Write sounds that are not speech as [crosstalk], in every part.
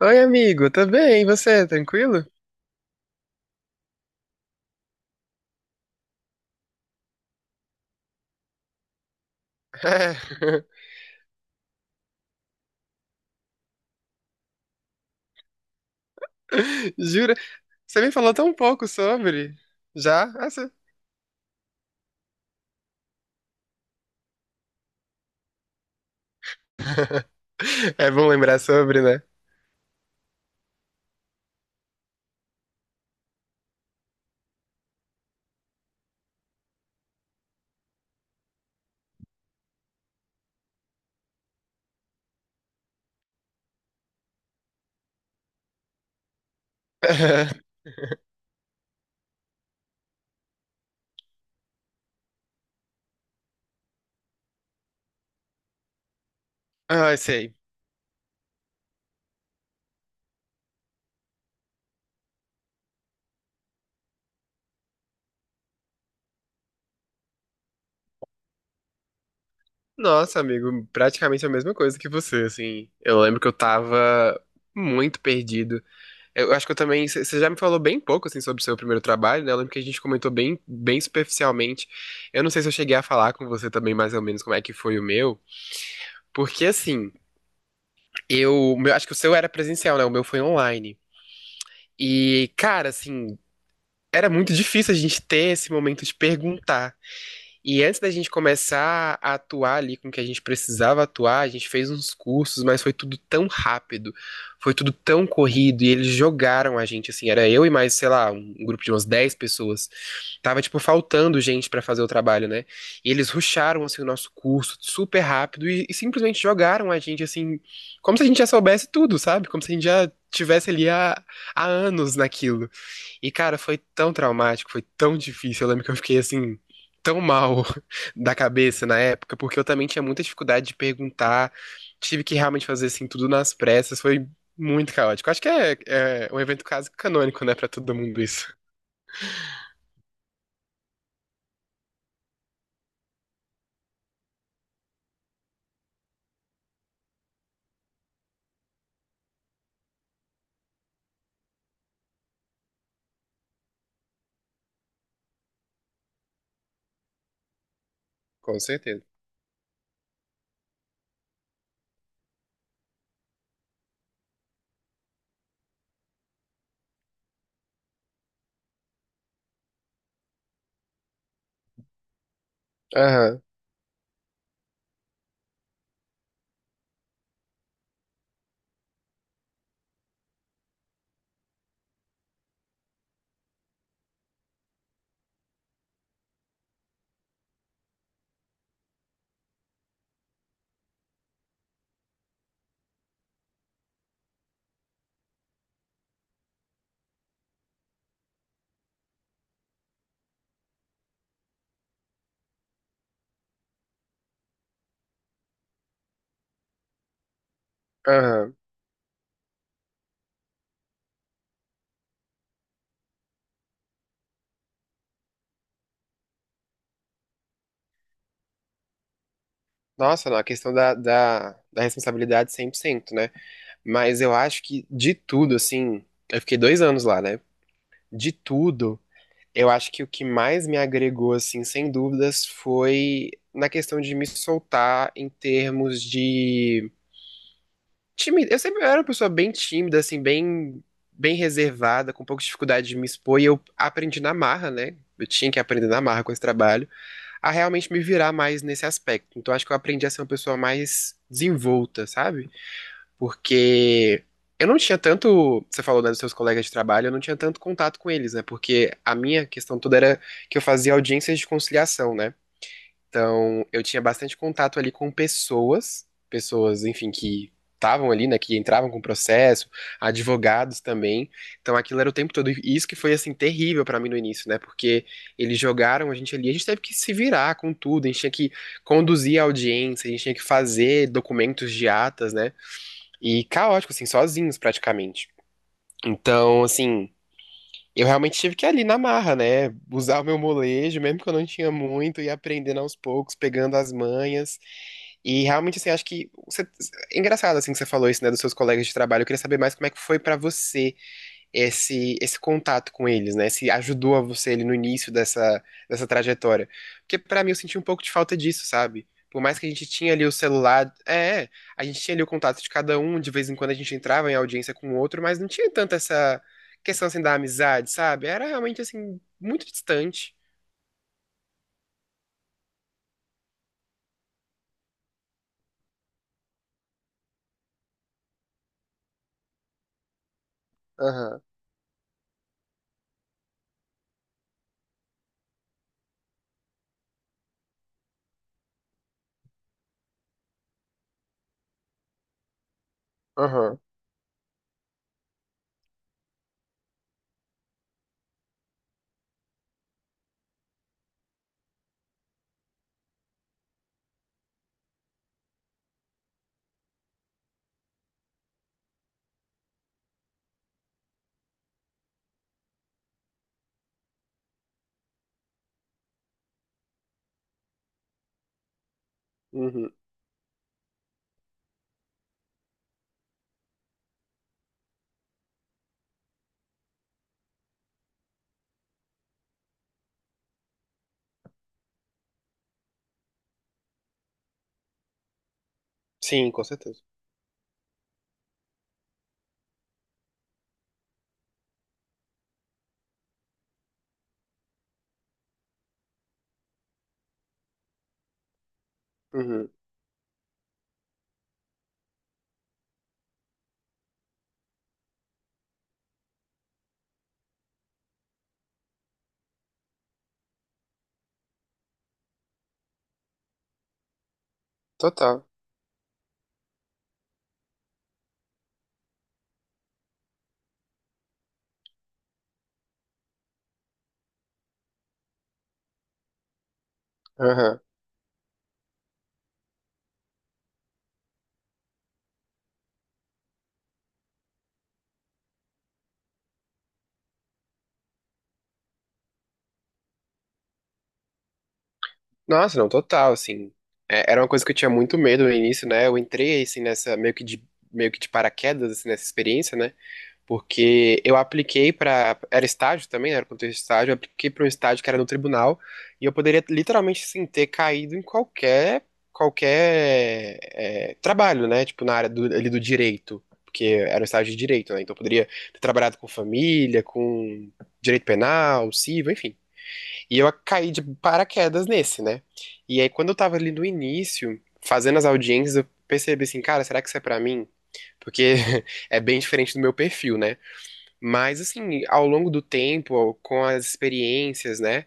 Oi, amigo, tá bem? E você, tranquilo? É. [laughs] Jura? Você me falou tão pouco sobre. Já? Ah, sim. [laughs] É bom lembrar sobre, né? [laughs] Ah, sei. Nossa, amigo, praticamente a mesma coisa que você, assim. Eu lembro que eu tava muito perdido. Eu acho que eu também. Você já me falou bem pouco, assim, sobre o seu primeiro trabalho, né? Eu lembro que a gente comentou bem, bem superficialmente. Eu não sei se eu cheguei a falar com você também, mais ou menos, como é que foi o meu. Porque, assim. Eu, acho que o seu era presencial, né? O meu foi online. E, cara, assim, era muito difícil a gente ter esse momento de perguntar. E antes da gente começar a atuar ali com o que a gente precisava atuar, a gente fez uns cursos, mas foi tudo tão rápido, foi tudo tão corrido, e eles jogaram a gente, assim, era eu e mais, sei lá, um grupo de umas 10 pessoas. Tava, tipo, faltando gente pra fazer o trabalho, né? E eles rusharam, assim, o nosso curso super rápido e simplesmente jogaram a gente, assim, como se a gente já soubesse tudo, sabe? Como se a gente já tivesse ali há anos naquilo. E, cara, foi tão traumático, foi tão difícil. Eu lembro que eu fiquei assim, tão mal [laughs] da cabeça na época, porque eu também tinha muita dificuldade de perguntar. Tive que realmente fazer assim, tudo nas pressas. Foi muito caótico. Acho que é um evento quase canônico, né, pra todo mundo isso. Com certeza. Aham, aham. Nossa, não, a questão da responsabilidade 100%, né? Mas eu acho que de tudo, assim, eu fiquei 2 anos lá, né? De tudo. Eu acho que o que mais me agregou, assim, sem dúvidas, foi na questão de me soltar em termos de tímida. Eu sempre era uma pessoa bem tímida, assim, bem, bem reservada, com pouca dificuldade de me expor, e eu aprendi na marra, né? Eu tinha que aprender na marra com esse trabalho, a realmente me virar mais nesse aspecto. Então acho que eu aprendi a ser uma pessoa mais desenvolta, sabe? Porque eu não tinha tanto, você falou, né, dos seus colegas de trabalho, eu não tinha tanto contato com eles, né? Porque a minha questão toda era que eu fazia audiências de conciliação, né? Então, eu tinha bastante contato ali com pessoas, pessoas, enfim, que estavam ali, né, que entravam com o processo, advogados também. Então, aquilo era o tempo todo. E isso que foi assim terrível pra mim no início, né? Porque eles jogaram a gente ali, a gente teve que se virar com tudo, a gente tinha que conduzir a audiência, a gente tinha que fazer documentos de atas, né? E caótico, assim, sozinhos praticamente. Então, assim, eu realmente tive que ir ali na marra, né? Usar o meu molejo, mesmo que eu não tinha muito, e aprendendo aos poucos, pegando as manhas. E realmente, assim, é engraçado, assim, que você falou isso, né, dos seus colegas de trabalho. Eu queria saber mais como é que foi pra você esse contato com eles, né? Se ajudou a você ali no início dessa trajetória. Porque pra mim eu senti um pouco de falta disso, sabe? Por mais que a gente tinha ali o celular, a gente tinha ali o contato de cada um, de vez em quando a gente entrava em audiência com o outro, mas não tinha tanto essa questão assim da amizade, sabe? Era realmente assim muito distante. Aham, aham, uhum. Sim, com certeza. Uhum. Total. Aham. Nossa, não, total, assim. É, era uma coisa que eu tinha muito medo no início, né? Eu entrei, assim, nessa, meio que de paraquedas, assim, nessa experiência, né? Porque eu apliquei pra. Era estágio também, né? Era contexto de estágio. Eu apliquei pra um estágio que era no tribunal. E eu poderia, literalmente, assim, ter caído em qualquer trabalho, né? Tipo, na área do, ali do direito. Porque era um estágio de direito, né? Então eu poderia ter trabalhado com família, com direito penal, civil, enfim. E eu caí de paraquedas nesse, né? E aí, quando eu tava ali no início, fazendo as audiências, eu percebi assim, cara, será que isso é pra mim? Porque [laughs] é bem diferente do meu perfil, né? Mas, assim, ao longo do tempo, com as experiências, né?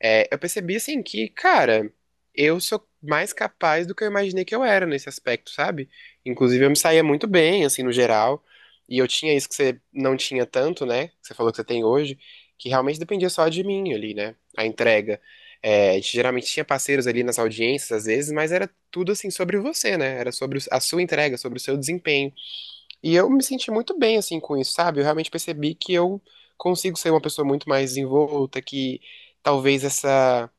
É, eu percebi assim que, cara, eu sou mais capaz do que eu imaginei que eu era nesse aspecto, sabe? Inclusive eu me saía muito bem, assim, no geral. E eu tinha isso que você não tinha tanto, né? Que você falou que você tem hoje, que realmente dependia só de mim ali, né? A entrega. É, a gente geralmente tinha parceiros ali nas audiências, às vezes, mas era tudo assim sobre você, né? Era sobre a sua entrega, sobre o seu desempenho. E eu me senti muito bem, assim, com isso, sabe? Eu realmente percebi que eu consigo ser uma pessoa muito mais desenvolta, que talvez essa.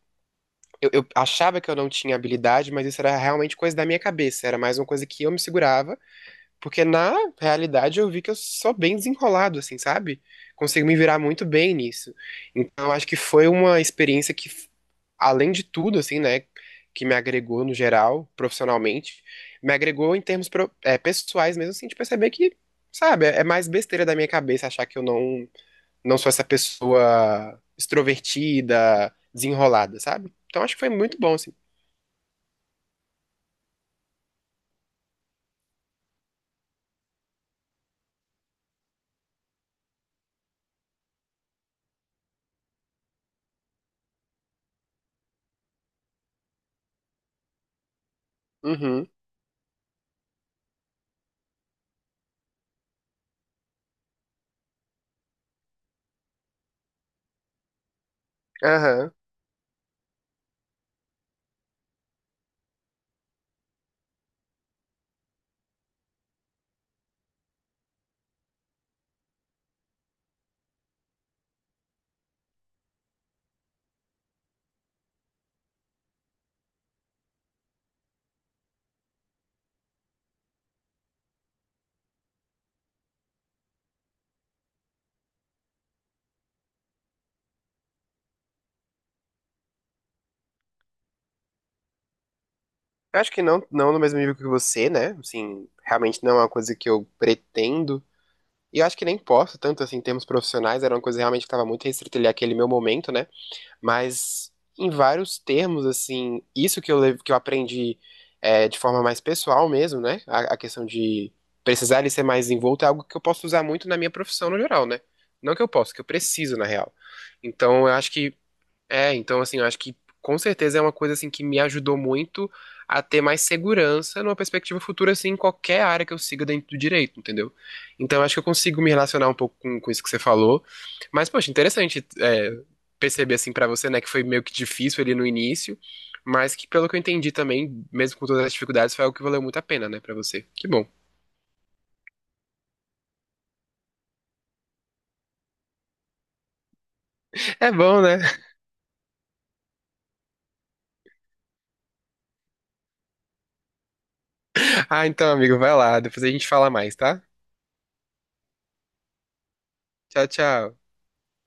Eu achava que eu não tinha habilidade, mas isso era realmente coisa da minha cabeça, era mais uma coisa que eu me segurava porque na realidade eu vi que eu sou bem desenrolado, assim, sabe? Consigo me virar muito bem nisso. Então eu acho que foi uma experiência que, além de tudo, assim, né, que me agregou no geral, profissionalmente, me agregou em termos pessoais mesmo, assim, de perceber que, sabe, é mais besteira da minha cabeça achar que eu não, não sou essa pessoa extrovertida, desenrolada, sabe? Então acho que foi muito bom, assim. Uhum. Aham. Eu acho que não, não no mesmo nível que você, né? Assim, realmente não é uma coisa que eu pretendo. E eu acho que nem posso, tanto assim, em termos profissionais, era uma coisa realmente que estava muito restrita ali àquele meu momento, né? Mas em vários termos, assim, isso que que eu aprendi de forma mais pessoal mesmo, né? A questão de precisar ele ser mais envolto é algo que eu posso usar muito na minha profissão no geral, né? Não que eu posso, que eu preciso, na real. Então, eu acho que então assim, eu acho que com certeza é uma coisa assim que me ajudou muito a ter mais segurança numa perspectiva futura, assim, em qualquer área que eu siga dentro do direito, entendeu? Então eu acho que eu consigo me relacionar um pouco com isso que você falou. Mas, poxa, interessante perceber assim pra você, né, que foi meio que difícil ali no início, mas que pelo que eu entendi também, mesmo com todas as dificuldades, foi algo que valeu muito a pena, né, pra você. Que bom. É bom, né? [laughs] Ah, então, amigo, vai lá, depois a gente fala mais, tá? Tchau, tchau.